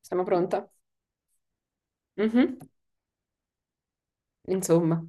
Sono pronta? Mhm. Insomma.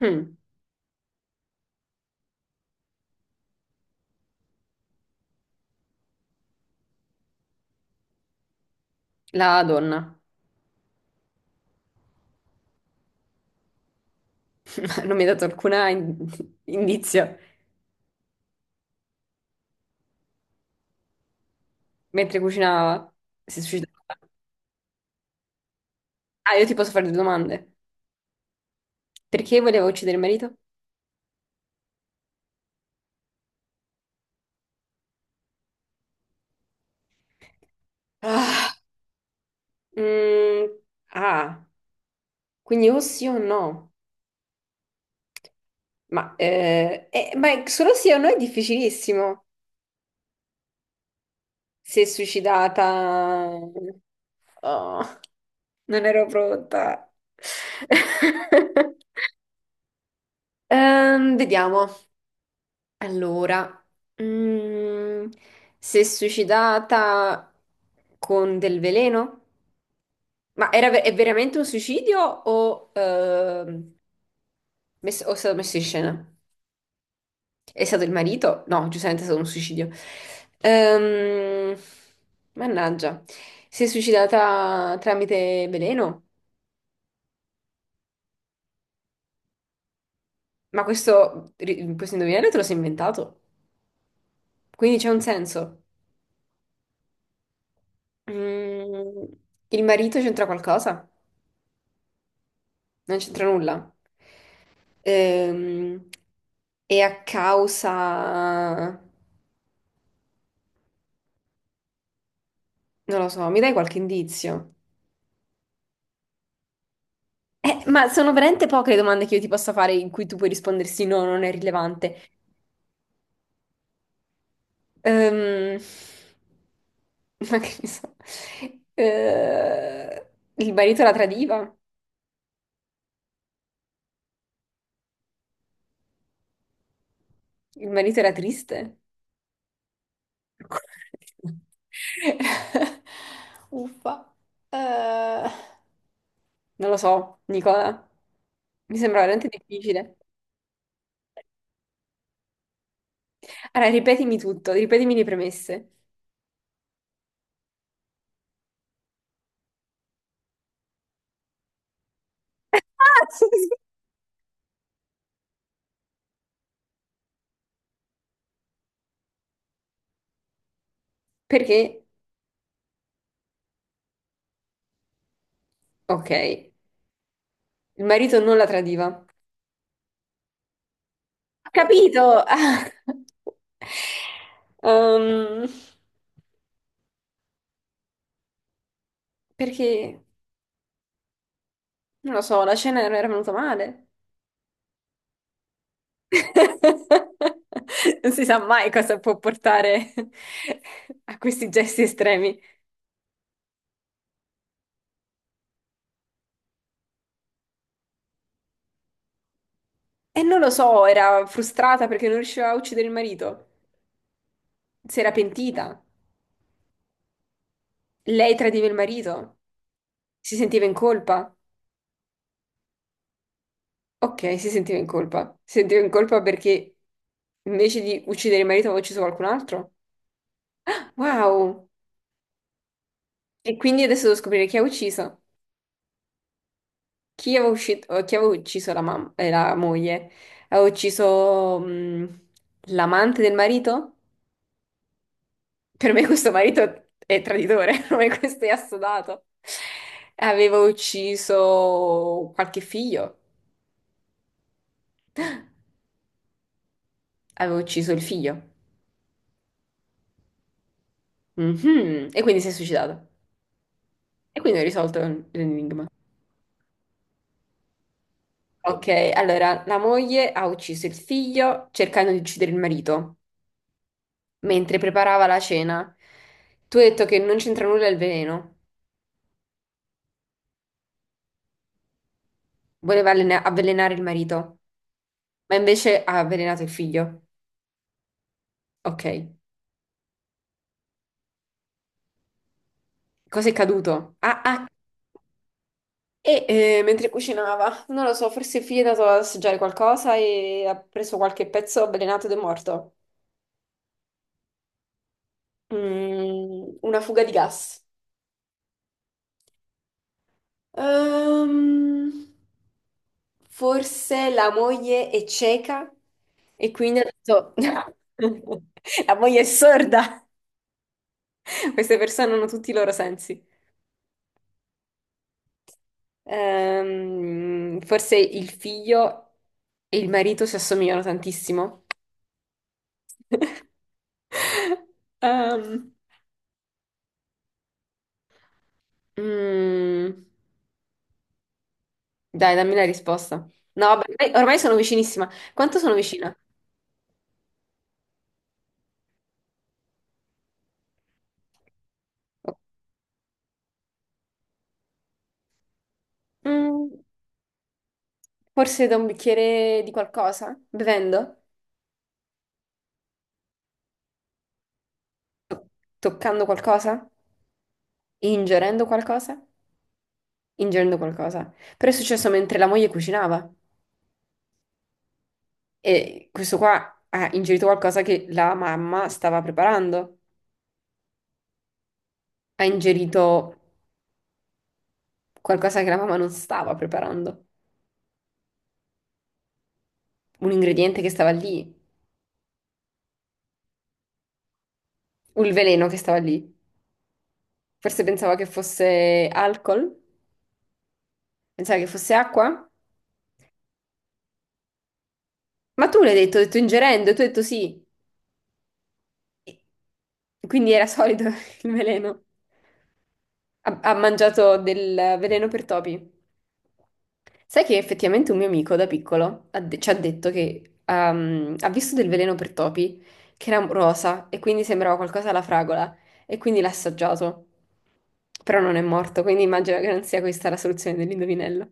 Mm. La donna non mi ha dato alcuna indizio. Mentre cucinava, si è suicidata. Ah, io ti posso fare due domande. Perché voleva uccidere il marito? Ah, mm, ah. Quindi o sì o no. Ma solo sì o no è difficilissimo. Si è suicidata. Oh, non ero pronta. Vediamo. Allora, mm, si è suicidata con del veleno? Ma era è veramente un suicidio o, o è stato messo in scena? È stato il marito? No, giustamente è stato un suicidio. Ehm, Mannaggia, si è suicidata tramite veleno? Ma questo indovinello te lo sei inventato? Quindi c'è un senso. Mm, il marito c'entra qualcosa? Non c'entra nulla. Ehm, e a causa. Non lo so, mi dai qualche indizio? Ma sono veramente poche le domande che io ti possa fare in cui tu puoi rispondere sì, no, non è rilevante. Ehm, ma che ne so. Eh, il marito la tradiva? Il marito era triste? Uffa. Eh, Non lo so, Nicola. Mi sembra veramente difficile. Allora, ripetimi tutto, ripetimi le premesse. Ah, sì, sì. Perché, ok, il marito non la tradiva. Ho capito? Ah. Ehm, Perché, non lo so, la cena era venuta male. Non si sa mai cosa può portare a questi gesti estremi. E non lo so, era frustrata perché non riusciva a uccidere il marito. Si era pentita. Lei tradiva il marito? Si sentiva in colpa? Ok, si sentiva in colpa. Si sentiva in colpa perché invece di uccidere il marito aveva ucciso qualcun altro? Wow! E quindi adesso devo scoprire chi ha ucciso. Chi aveva ucciso la moglie? Aveva ucciso l'amante del marito? Per me questo marito è traditore, per me questo è assodato. Aveva ucciso qualche figlio? Aveva ucciso il figlio. Mhm. E quindi si è suicidato. E quindi hai risolto l'enigma. Ok, allora la moglie ha ucciso il figlio cercando di uccidere il marito mentre preparava la cena. Tu hai detto che non c'entra nulla il veleno. Voleva avvelenare il marito, ma invece ha avvelenato il figlio. Ok, cosa è caduto? Ah, ah, e mentre cucinava, non lo so, forse il figlio è andato a assaggiare qualcosa e ha preso qualche pezzo avvelenato ed è morto. Una fuga di gas. Ehm, Forse la moglie è cieca e quindi ha detto. La moglie è sorda. Queste persone hanno tutti i loro sensi. Forse il figlio e il marito si assomigliano tantissimo. Ehm, mm, Dai, dammi la risposta. No, vabbè, ormai sono vicinissima. Quanto sono vicina? Mm, Forse da un bicchiere di qualcosa? Bevendo? to- Toccando qualcosa? Ingerendo qualcosa? Ingerendo qualcosa. Però è successo mentre la moglie cucinava e questo qua ha ingerito qualcosa che la mamma stava preparando. Ha ingerito qualcosa che la mamma non stava preparando. Un ingrediente che stava lì, un veleno che stava lì. Forse pensava che fosse alcol, pensava che fosse acqua. Ma tu l'hai detto, hai detto ingerendo, e tu hai detto sì. E quindi era solido il veleno. Ha mangiato del veleno per topi. Sai che effettivamente un mio amico da piccolo ci ha detto che ha visto del veleno per topi che era rosa e quindi sembrava qualcosa alla fragola e quindi l'ha assaggiato. Però non è morto, quindi immagino che non sia questa la soluzione dell'indovinello.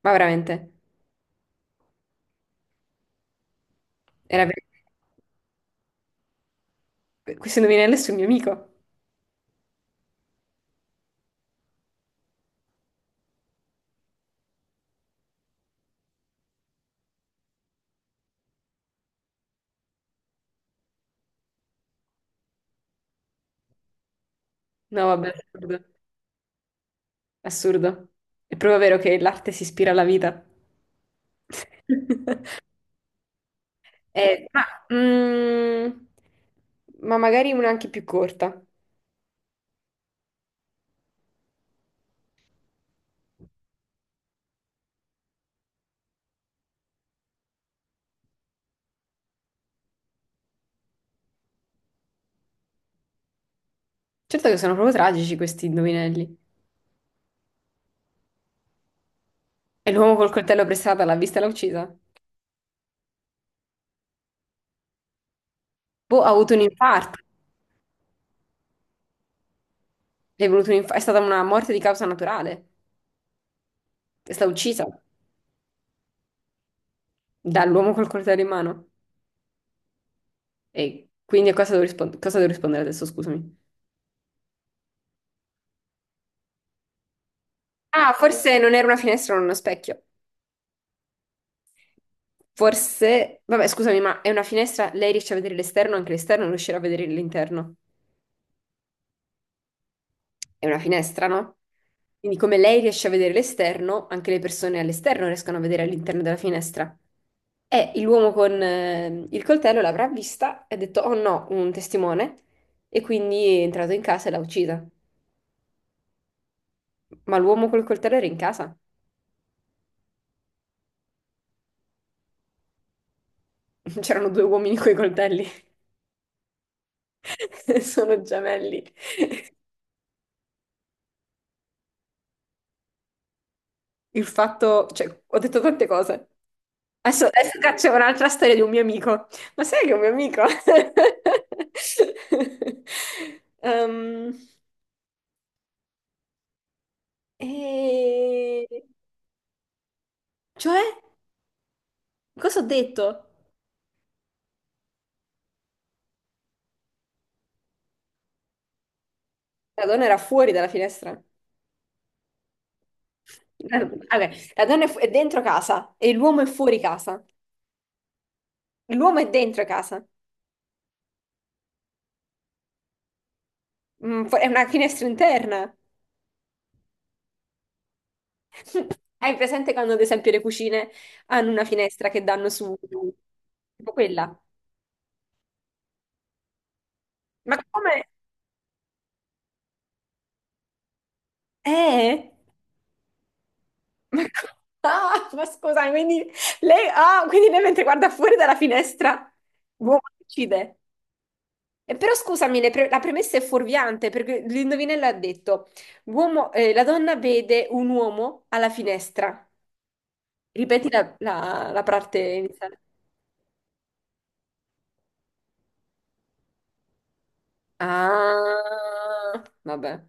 Ma veramente, era questo indovinello è sul mio amico. No, vabbè, assurdo. Assurdo. È proprio vero che l'arte si ispira alla vita. Eh, ma, mm, ma magari una anche più corta. Certo che sono proprio tragici questi indovinelli. E l'uomo col coltello pressato l'ha vista e l'ha uccisa? Boh, ha avuto un infarto. È, venuto un inf- È stata una morte di causa naturale. È stata uccisa dall'uomo col coltello in mano. E quindi a cosa devo rispondere adesso, scusami? Ah, forse non era una finestra, non uno specchio. Forse. Vabbè, scusami, ma è una finestra, lei riesce a vedere l'esterno, anche l'esterno non riuscirà a vedere l'interno. È una finestra, no? Quindi come lei riesce a vedere l'esterno, anche le persone all'esterno riescono a vedere all'interno della finestra. E l'uomo con il coltello l'avrà vista e ha detto, oh no, un testimone, e quindi è entrato in casa e l'ha uccisa. Ma l'uomo col coltello era in casa. C'erano due uomini coi coltelli. Sono gemelli. Il fatto, cioè, ho detto tante cose. Adesso c'è un'altra storia di un mio amico. Ma sai che è un mio amico? Ehm, e. Cioè, cosa ho detto? La donna era fuori dalla finestra. Vabbè, la donna è, è dentro casa e l'uomo è fuori casa. L'uomo è dentro casa. È una finestra interna. Hai presente quando, ad esempio, le cucine hanno una finestra che danno su tipo quella? Ma come? Eh? Ma co- Ah, ma scusa, quindi lei mentre guarda fuori dalla finestra, l'uomo uccide. E però scusami, la premessa è fuorviante perché l'indovinello ha detto, la donna vede un uomo alla finestra. Ripeti la parte iniziale. Ah, vabbè.